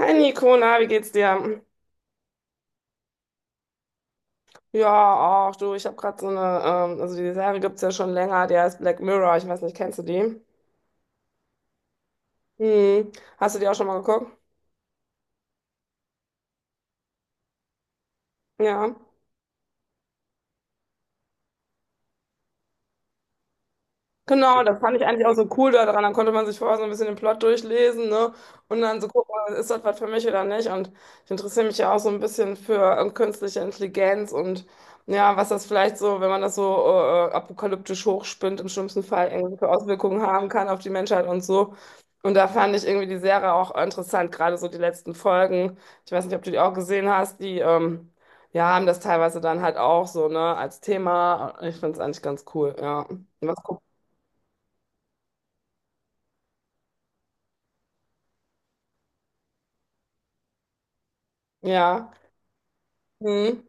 Hi Nico, na, wie geht's dir? Ja, ach du, ich habe gerade so eine, also die Serie gibt's ja schon länger, die heißt Black Mirror, ich weiß nicht, kennst du die? Hm. Hast du die auch schon mal geguckt? Ja. Genau, das fand ich eigentlich auch so cool daran. Dann konnte man sich vorher so ein bisschen den Plot durchlesen, ne? Und dann so gucken, ist das was für mich oder nicht? Und ich interessiere mich ja auch so ein bisschen für künstliche Intelligenz und ja, was das vielleicht so, wenn man das so apokalyptisch hochspinnt, im schlimmsten Fall irgendwelche Auswirkungen haben kann auf die Menschheit und so. Und da fand ich irgendwie die Serie auch interessant, gerade so die letzten Folgen. Ich weiß nicht, ob du die auch gesehen hast, die ja, haben das teilweise dann halt auch so, ne, als Thema. Ich finde es eigentlich ganz cool, ja. Was guckst ja, mhm.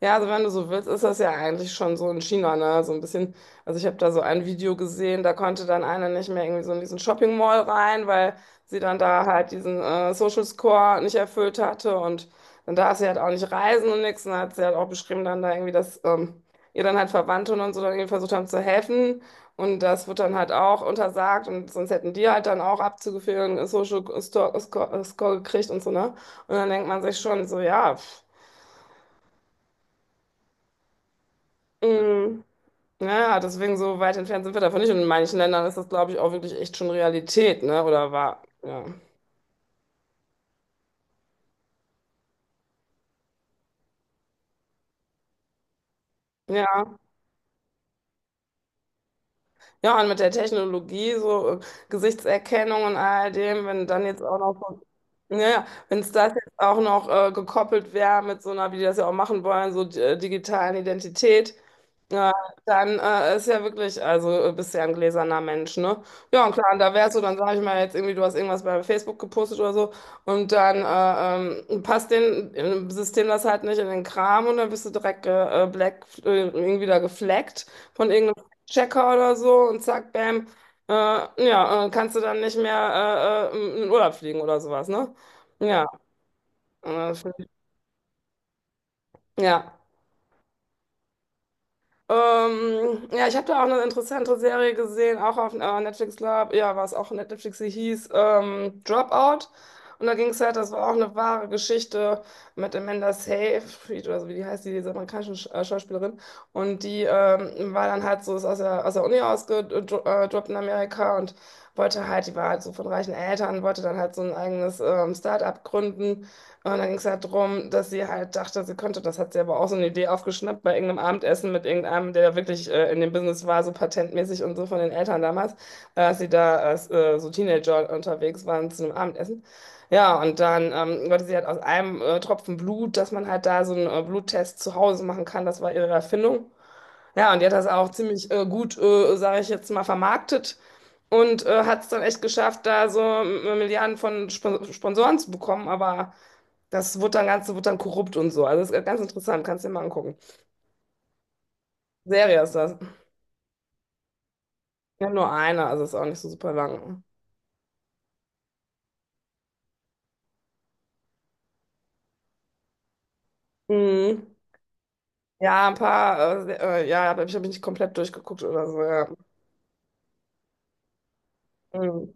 Ja, also wenn du so willst, ist das ja eigentlich schon so in China, ne? So ein bisschen, also ich habe da so ein Video gesehen, da konnte dann einer nicht mehr irgendwie so in diesen Shopping Mall rein, weil sie dann da halt diesen Social Score nicht erfüllt hatte und dann darf sie halt auch nicht reisen und nichts. Und dann hat sie halt auch beschrieben dann da irgendwie, dass ihr dann halt Verwandte und so dann irgendwie versucht haben zu helfen und das wird dann halt auch untersagt und sonst hätten die halt dann auch abzugeführen Social Score, Score gekriegt und so, ne? Und dann denkt man sich schon so, ja. Pff, mhm. Ja, deswegen so weit entfernt sind wir davon nicht. Und in manchen Ländern ist das, glaube ich, auch wirklich echt schon Realität, ne? Oder war, ja. Ja, ja, und mit der Technologie, so Gesichtserkennung und all dem, wenn dann jetzt auch noch, so- ja, ja, wenn es das jetzt auch noch gekoppelt wäre mit so einer, wie die das ja auch machen wollen, so digitalen Identität, ja, dann ist ja wirklich, also bist ja ein gläserner Mensch, ne? Ja, und klar, und da wärst du, dann sage ich mal jetzt irgendwie, du hast irgendwas bei Facebook gepostet oder so und dann passt den im System das halt nicht in den Kram und dann bist du direkt black, irgendwie da gefleckt von irgendeinem Checker oder so und zack, bam, ja, kannst du dann nicht mehr in den Urlaub fliegen oder sowas, ne? Ja, äh, ja. Ja, ich habe da auch eine interessante Serie gesehen, auch auf Netflix, glaub, ja, war es auch Netflix, sie hieß Dropout. Und da ging es halt, das war auch eine wahre Geschichte mit Amanda Seyfried oder so, wie die heißt, die, diese amerikanische Schauspielerin. Und die war dann halt so, ist aus der Uni ausgedroppt in Amerika und wollte halt, die war halt so von reichen Eltern, wollte dann halt so ein eigenes Start-up gründen. Und dann ging es halt darum, dass sie halt dachte, sie könnte, das hat sie aber auch so eine Idee aufgeschnappt bei irgendeinem Abendessen mit irgendeinem, der da wirklich in dem Business war, so patentmäßig und so von den Eltern damals, dass sie da als so Teenager unterwegs waren zu einem Abendessen. Ja, und dann wollte sie halt aus einem Tropfen Blut, dass man halt da so einen Bluttest zu Hause machen kann, das war ihre Erfindung. Ja, und die hat das auch ziemlich gut, sage ich jetzt mal, vermarktet. Und hat es dann echt geschafft, da so Milliarden von Sp Sponsoren zu bekommen, aber das wird dann ganz, wird dann korrupt und so. Also das ist ganz interessant, kannst dir mal angucken. Serie ist das. Ja, nur eine, also ist auch nicht so super lang. Mhm. Ja, ein paar, ja, aber ich habe mich nicht komplett durchgeguckt oder so, ja. Mhm.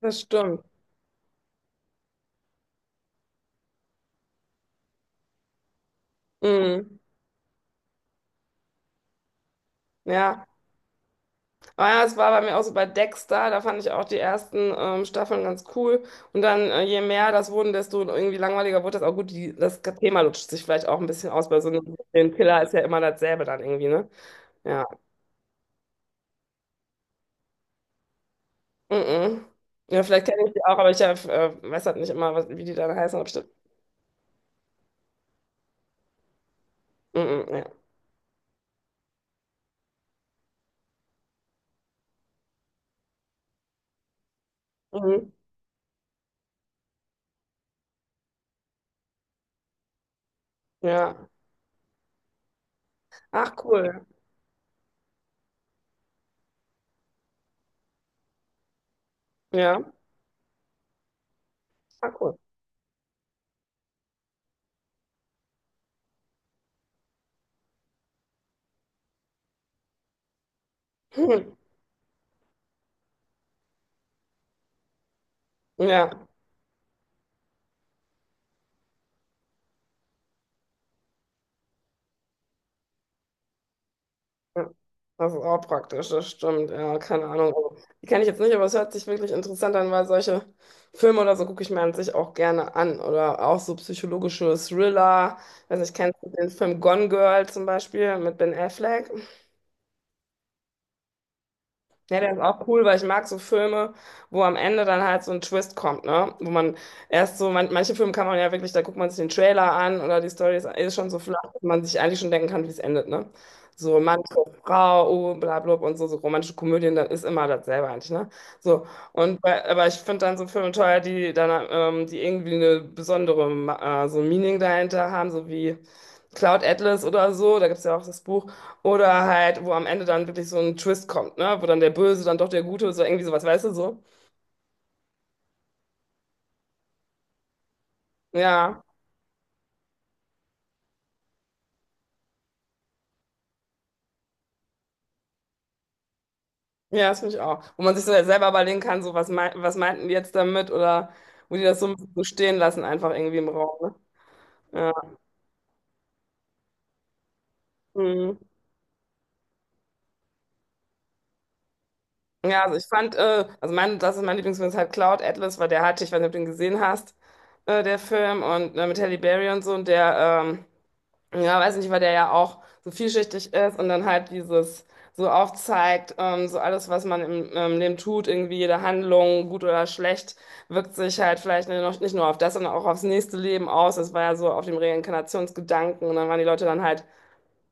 Das stimmt. Mhm. Ja. Aber ja, es war bei mir auch so bei Dexter, da fand ich auch die ersten Staffeln ganz cool. Und dann, je mehr das wurden, desto irgendwie langweiliger wurde das auch gut. Die, das Thema lutscht sich vielleicht auch ein bisschen aus, weil so ein Serienkiller ist ja immer dasselbe dann irgendwie, ne? Ja. Mhm. Ja, vielleicht kenne ich die auch, aber ich weiß halt nicht immer, was, wie die dann heißen. Ob ich das, mhm, ja. Mhm. Ja. Ach, cool. Ja. Ach, cool. Hm. Ja. Ja. Das ist auch praktisch, das stimmt. Ja, keine Ahnung. Also, die kenne ich jetzt nicht, aber es hört sich wirklich interessant an, weil solche Filme oder so gucke ich mir an sich auch gerne an. Oder auch so psychologische Thriller. Weiß nicht, kennst du den Film Gone Girl zum Beispiel mit Ben Affleck? Ja, der ist auch cool, weil ich mag so Filme, wo am Ende dann halt so ein Twist kommt, ne? Wo man erst so, man, manche Filme kann man ja wirklich, da guckt man sich den Trailer an oder die Story ist, ist schon so flach, dass man sich eigentlich schon denken kann, wie es endet, ne? So Mann, trifft Frau, oh, bla, bla, und so, so romantische Komödien, dann ist immer dasselbe eigentlich, ne? So, und bei, aber ich finde dann so Filme teuer, die dann, die irgendwie eine besondere, so ein Meaning dahinter haben, so wie Cloud Atlas oder so, da gibt es ja auch das Buch. Oder halt, wo am Ende dann wirklich so ein Twist kommt, ne? Wo dann der Böse, dann doch der Gute, so irgendwie sowas, weißt du so? Ja, ja, das finde ich auch. Wo man sich so selber überlegen kann, so was, mei was meinten die jetzt damit oder wo die das so ein bisschen so stehen lassen, einfach irgendwie im Raum, ne? Ja, mhm. Ja, also ich fand, also mein, das ist mein Lieblingsfilm, ist halt Cloud Atlas, weil der hatte, ich weiß nicht, ob du den gesehen hast, der Film und mit Halle Berry und so und der, ähm, ja, weiß nicht, weil der ja auch so vielschichtig ist und dann halt dieses so aufzeigt, so alles, was man im Leben tut, irgendwie jede Handlung, gut oder schlecht, wirkt sich halt vielleicht nicht, noch- nicht nur auf das, sondern auch aufs nächste Leben aus. Das war ja so auf dem Reinkarnationsgedanken und dann waren die Leute dann halt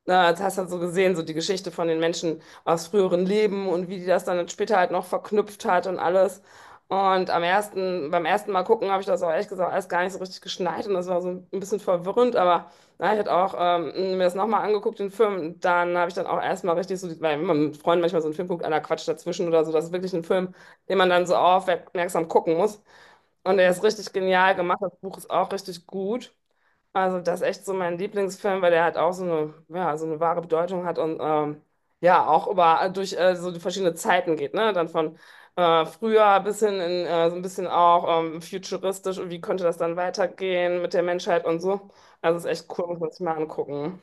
na, das hast du dann so gesehen, so die Geschichte von den Menschen aus früheren Leben und wie die das dann später halt noch verknüpft hat und alles. Und am ersten, beim ersten Mal gucken habe ich das auch ehrlich gesagt alles gar nicht so richtig geschnallt und das war so ein bisschen verwirrend, aber na, ich hatte auch mir das nochmal angeguckt, den Film, dann habe ich dann auch erstmal richtig so, die- weil wenn man mit Freunden manchmal so einen Film guckt, einer quatscht dazwischen oder so, das ist wirklich ein Film, den man dann so aufmerksam gucken muss. Und der ist richtig genial gemacht, das Buch ist auch richtig gut. Also das ist echt so mein Lieblingsfilm, weil der halt auch so eine, ja, so eine wahre Bedeutung hat und ja, auch über durch so die verschiedenen Zeiten geht, ne? Dann von früher bis hin in so ein bisschen auch futuristisch und wie könnte das dann weitergehen mit der Menschheit und so. Also ist echt cool, muss man sich mal angucken.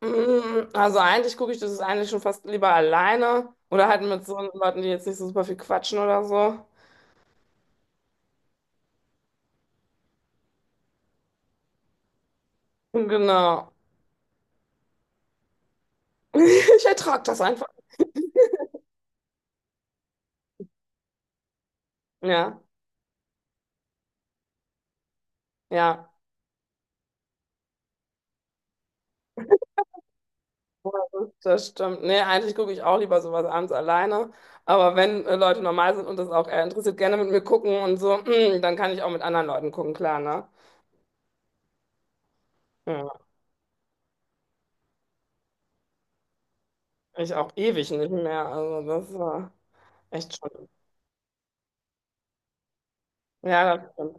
Mm, also eigentlich gucke ich das ist eigentlich schon fast lieber alleine oder halt mit so Leuten, die jetzt nicht so super viel quatschen oder so. Genau. Ich ertrage das einfach. Ja, ja. Das stimmt. Nee, eigentlich gucke ich auch lieber sowas abends alleine. Aber wenn Leute normal sind und das auch eher interessiert, gerne mit mir gucken und so, dann kann ich auch mit anderen Leuten gucken, klar, ne? Ja, ich auch ewig nicht mehr. Also das war echt schon. Ja, das stimmt.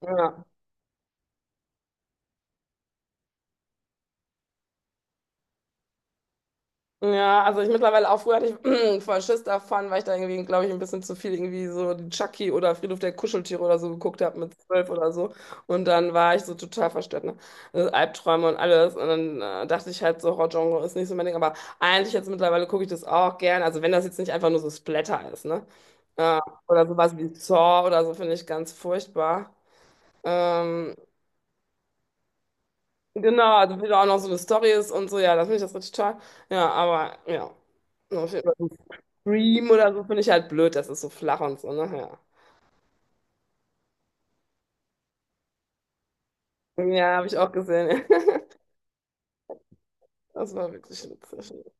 Ja. Ja, also ich mittlerweile auch früher hatte ich voll Schiss davon, weil ich da irgendwie, glaube ich, ein bisschen zu viel irgendwie so die Chucky oder Friedhof der Kuscheltiere oder so geguckt habe mit zwölf oder so. Und dann war ich so total verstört, ne? Also Albträume und alles. Und dann dachte ich halt so, Horror-Genre ist nicht so mein Ding. Aber eigentlich jetzt mittlerweile gucke ich das auch gern. Also wenn das jetzt nicht einfach nur so Splatter ist, ne? Äh, oder sowas wie Saw oder so finde ich ganz furchtbar. Ähm, Genau, also wie da auch noch so eine Story ist und so, ja, das finde ich das richtig toll. Ja, aber ja. Auf jeden Fall so Scream oder so finde ich halt blöd, das ist so flach und so, ne? Ja, ja habe ich auch gesehen. Das war wirklich witzig.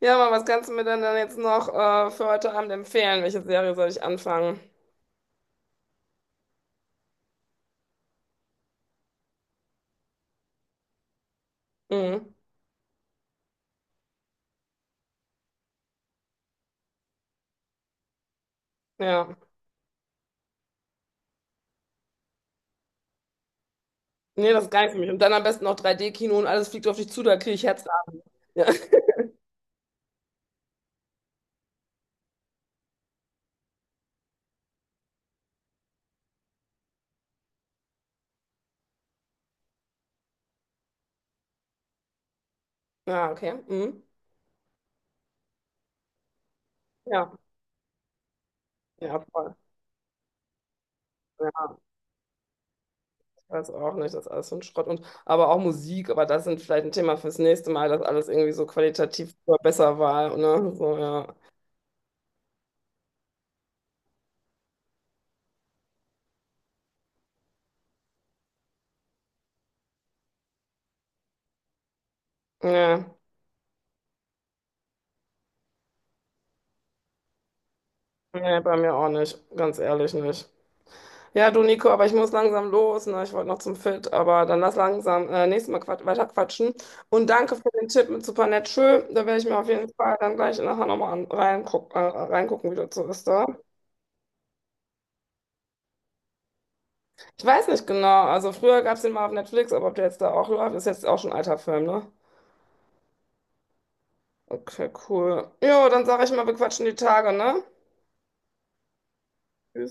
Ja, aber was kannst du mir denn dann jetzt noch für heute Abend empfehlen? Welche Serie soll ich anfangen? Mhm. Ja. Nee, das ist geil für mich. Und dann am besten noch 3D-Kino und alles fliegt auf dich zu, da kriege ich Herz. Ja. Ja, okay. Mhm. Ja. Ja, voll. Ja. Weiß auch nicht, das ist alles so ein Schrott. Und, aber auch Musik, aber das sind vielleicht ein Thema fürs nächste Mal, dass alles irgendwie so qualitativ immer besser war. Ne? So, ja. Nee, bei mir auch nicht, ganz ehrlich nicht. Ja, du Nico, aber ich muss langsam los. Ne? Ich wollte noch zum Fit, aber dann lass langsam nächstes Mal quat weiter quatschen. Und danke für den Tipp mit super nett schön. Da werde ich mir auf jeden Fall dann gleich nachher nochmal reingucken, wie das so ist da. Ich weiß nicht genau. Also früher gab es den mal auf Netflix, aber ob der jetzt da auch läuft, ist jetzt auch schon ein alter Film, ne? Okay, cool. Jo, dann sage ich mal, wir quatschen die Tage, ne? Tschüss.